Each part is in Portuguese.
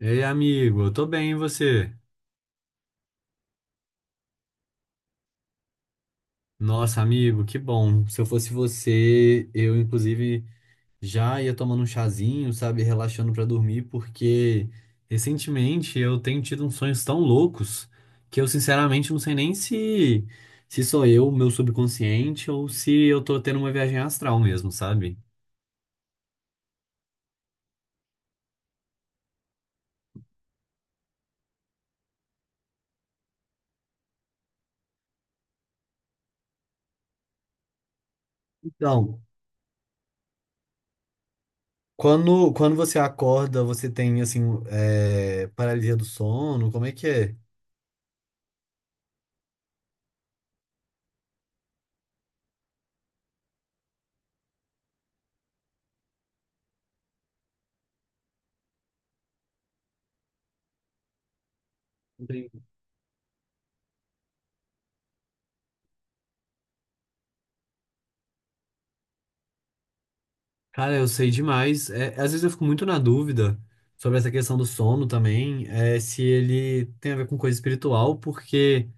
Ei, amigo, eu tô bem, e você? Nossa, amigo, que bom. Se eu fosse você, eu inclusive já ia tomando um chazinho, sabe, relaxando pra dormir, porque recentemente eu tenho tido uns sonhos tão loucos que eu sinceramente não sei nem se sou eu, meu subconsciente, ou se eu tô tendo uma viagem astral mesmo, sabe? Então, quando você acorda, você tem assim, paralisia do sono, como é que é? Cara, eu sei demais. É, às vezes eu fico muito na dúvida sobre essa questão do sono também, é, se ele tem a ver com coisa espiritual. Porque.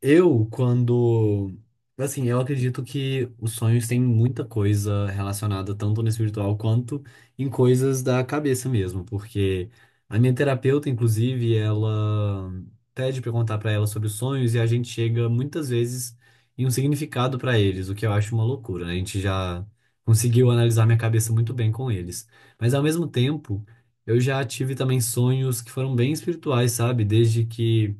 Eu, quando. Assim, eu acredito que os sonhos têm muita coisa relacionada tanto no espiritual quanto em coisas da cabeça mesmo, porque a minha terapeuta, inclusive, ela pede pra eu contar pra ela sobre os sonhos e a gente chega muitas vezes em um significado pra eles, o que eu acho uma loucura, né? A gente já conseguiu analisar minha cabeça muito bem com eles. Mas ao mesmo tempo, eu já tive também sonhos que foram bem espirituais, sabe? Desde que.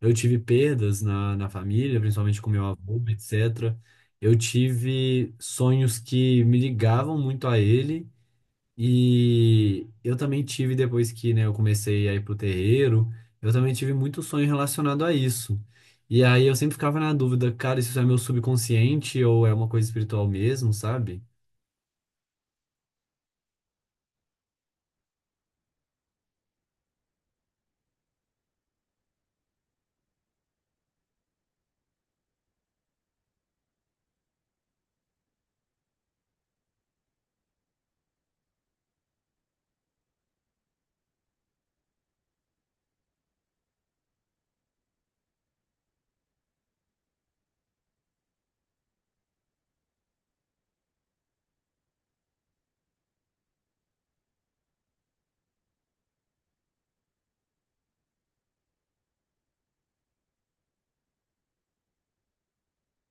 Eu tive perdas na família, principalmente com meu avô, etc. Eu tive sonhos que me ligavam muito a ele e eu também tive, depois que, né, eu comecei a ir pro terreiro, eu também tive muito sonho relacionado a isso. E aí eu sempre ficava na dúvida, cara, isso é meu subconsciente ou é uma coisa espiritual mesmo, sabe?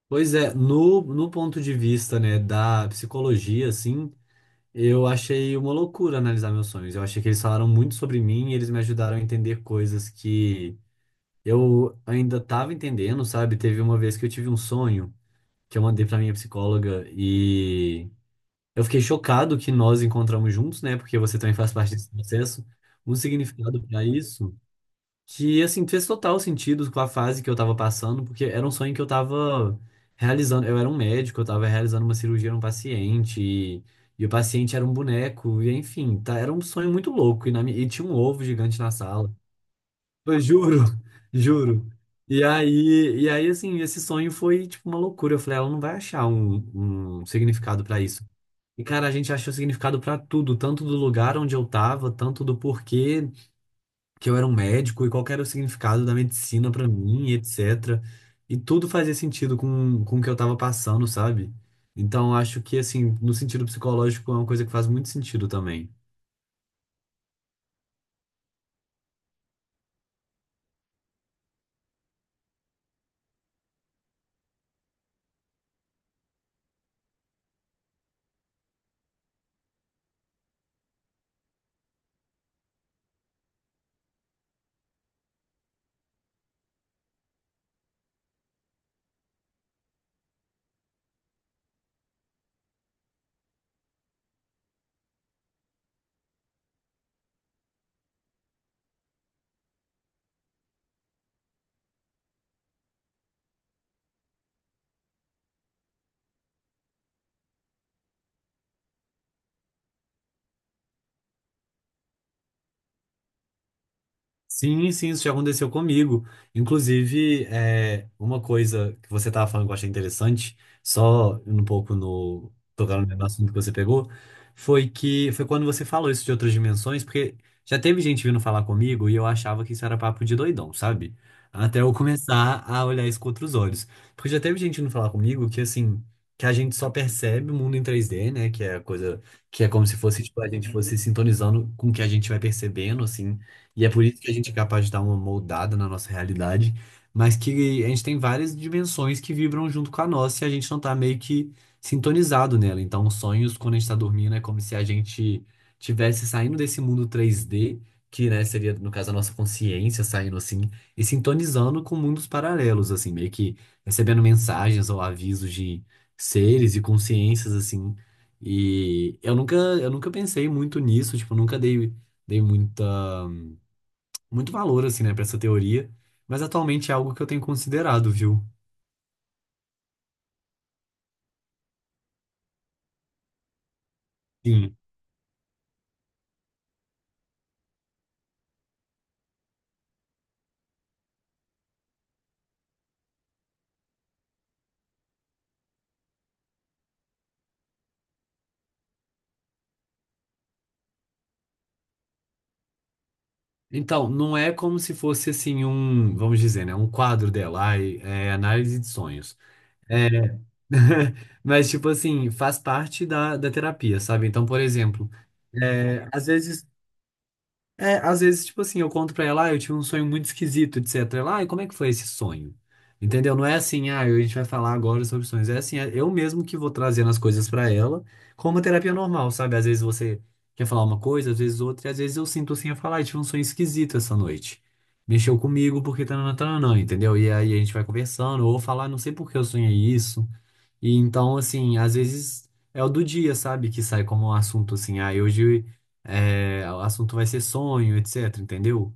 Pois é, no ponto de vista, né, da psicologia, assim, eu achei uma loucura analisar meus sonhos. Eu achei que eles falaram muito sobre mim e eles me ajudaram a entender coisas que eu ainda estava entendendo, sabe? Teve uma vez que eu tive um sonho que eu mandei para minha psicóloga e eu fiquei chocado que nós encontramos juntos, né? Porque você também faz parte desse processo. Um significado para isso. Que, assim, fez total sentido com a fase que eu tava passando, porque era um sonho que eu tava realizando. Eu era um médico, eu tava realizando uma cirurgia num paciente, e o paciente era um boneco, e enfim, tá, era um sonho muito louco. E, e tinha um ovo gigante na sala. Eu juro, juro. E aí, assim, esse sonho foi, tipo, uma loucura. Eu falei, ela não vai achar um significado pra isso. E, cara, a gente achou significado pra tudo, tanto do lugar onde eu tava, tanto do porquê que eu era um médico e qual que era o significado da medicina pra mim, etc. E tudo fazia sentido com o que eu tava passando, sabe? Então acho que, assim, no sentido psicológico é uma coisa que faz muito sentido também. Sim, sim, isso já aconteceu comigo. Inclusive, é, uma coisa que você estava falando que eu achei interessante, só um pouco tocando no assunto que você pegou, foi que foi quando você falou isso de outras dimensões, porque já teve gente vindo falar comigo e eu achava que isso era papo de doidão, sabe? Até eu começar a olhar isso com outros olhos. Porque já teve gente vindo falar comigo que, assim, que a gente só percebe o mundo em 3D, né? Que é a coisa que é como se fosse, tipo, a gente fosse sintonizando com o que a gente vai percebendo, assim. E é por isso que a gente é capaz de dar uma moldada na nossa realidade, mas que a gente tem várias dimensões que vibram junto com a nossa e a gente não tá meio que sintonizado nela. Então, os sonhos, quando a gente tá dormindo, é como se a gente tivesse saindo desse mundo 3D, que, né, seria, no caso, a nossa consciência saindo assim, e sintonizando com mundos paralelos, assim, meio que recebendo mensagens ou avisos de seres e consciências, assim. E eu nunca pensei muito nisso, tipo, eu nunca dei, dei muita muito valor, assim, né, pra essa teoria, mas atualmente é algo que eu tenho considerado, viu? Sim. Então, não é como se fosse, assim, um, vamos dizer, né, um quadro dela, ai, é, análise de sonhos. É, mas, tipo assim, faz parte da terapia, sabe? Então, por exemplo, é, às vezes é, às vezes, tipo assim, eu conto pra ela, ah, eu tive um sonho muito esquisito, etc. Ela, ah, e como é que foi esse sonho? Entendeu? Não é assim, ah, a gente vai falar agora sobre sonhos. É assim, é eu mesmo que vou trazendo as coisas pra ela, como uma terapia normal, sabe? Às vezes você quer falar uma coisa, às vezes outra, e às vezes eu sinto assim, eu falo, ah, eu tive um sonho esquisito essa noite. Mexeu comigo porque tá tananã, entendeu? E aí a gente vai conversando, ou falar, "Ah, não sei por que eu sonhei isso." E então, assim, às vezes é o do dia, sabe? Que sai como um assunto assim, ah, hoje é, o assunto vai ser sonho, etc, entendeu?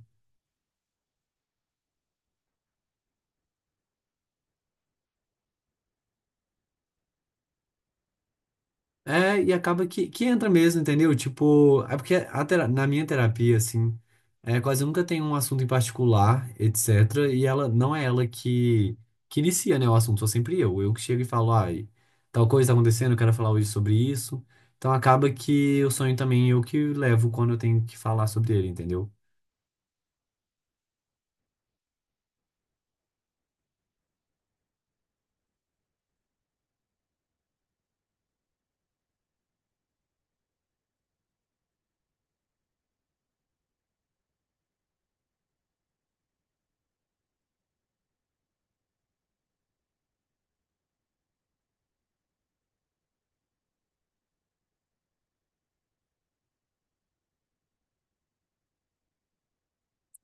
É, e acaba que entra mesmo, entendeu? Tipo, é porque na minha terapia, assim, é, quase nunca tem um assunto em particular, etc. E ela não é ela que inicia, né, o assunto, sou sempre eu. Eu que chego e falo, ai, tal coisa tá acontecendo, eu quero falar hoje sobre isso. Então acaba que o sonho também é eu que levo quando eu tenho que falar sobre ele, entendeu?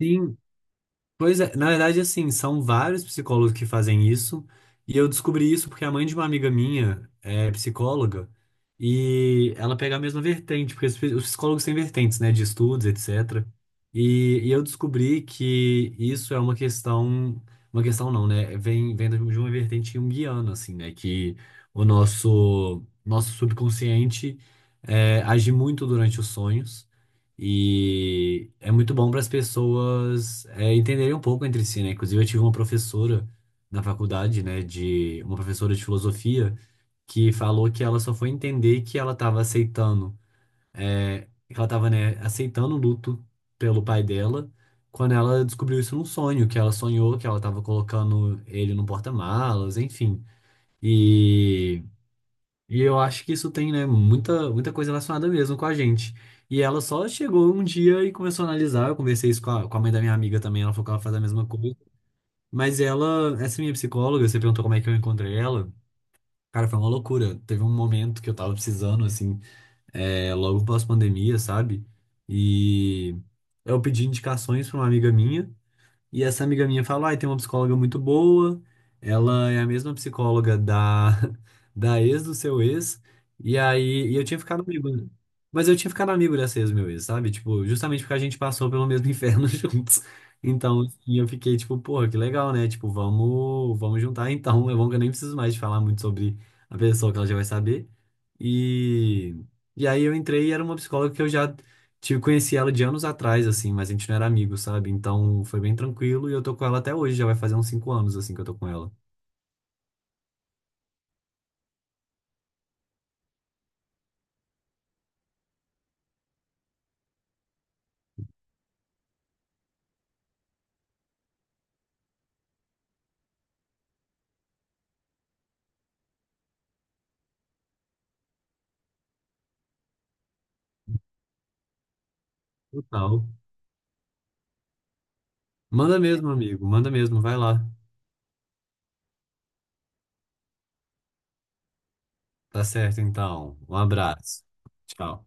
Sim. Pois é, na verdade, assim, são vários psicólogos que fazem isso, e eu descobri isso porque a mãe de uma amiga minha é psicóloga, e ela pega a mesma vertente, porque os psicólogos têm vertentes, né, de estudos, etc. E, e eu descobri que isso é uma questão não, né, vem de uma vertente junguiana, assim, né, que o nosso, nosso subconsciente é, age muito durante os sonhos, e é muito bom para as pessoas é, entenderem um pouco entre si, né? Inclusive, eu tive uma professora na faculdade, né, de uma professora de filosofia, que falou que ela só foi entender que ela estava aceitando, é, que ela estava, né, aceitando o luto pelo pai dela, quando ela descobriu isso num sonho, que ela sonhou que ela estava colocando ele no porta-malas, enfim. E e eu acho que isso tem, né, muita, muita coisa relacionada mesmo com a gente. E ela só chegou um dia e começou a analisar. Eu conversei isso com com a mãe da minha amiga também, ela falou que ela faz a mesma coisa. Mas ela, essa minha psicóloga, você perguntou como é que eu encontrei ela. Cara, foi uma loucura. Teve um momento que eu tava precisando, assim, é, logo pós-pandemia, sabe? E eu pedi indicações pra uma amiga minha. E essa amiga minha falou, ai, tem uma psicóloga muito boa, ela é a mesma psicóloga da, da ex do seu ex, e aí e eu tinha ficado amigo, né? Mas eu tinha ficado amigo dessa ex meu ex, sabe? Tipo, justamente porque a gente passou pelo mesmo inferno juntos. Então, assim, eu fiquei tipo, porra, que legal, né? Tipo, vamos juntar então. É bom que eu nem preciso mais de falar muito sobre a pessoa que ela já vai saber. E, e aí eu entrei e era uma psicóloga que eu já. Tipo, conheci ela de anos atrás, assim, mas a gente não era amigo, sabe? Então foi bem tranquilo e eu tô com ela até hoje, já vai fazer uns 5 anos, assim, que eu tô com ela. Total. Manda mesmo, amigo, manda mesmo, vai lá. Tá certo, então. Um abraço. Tchau.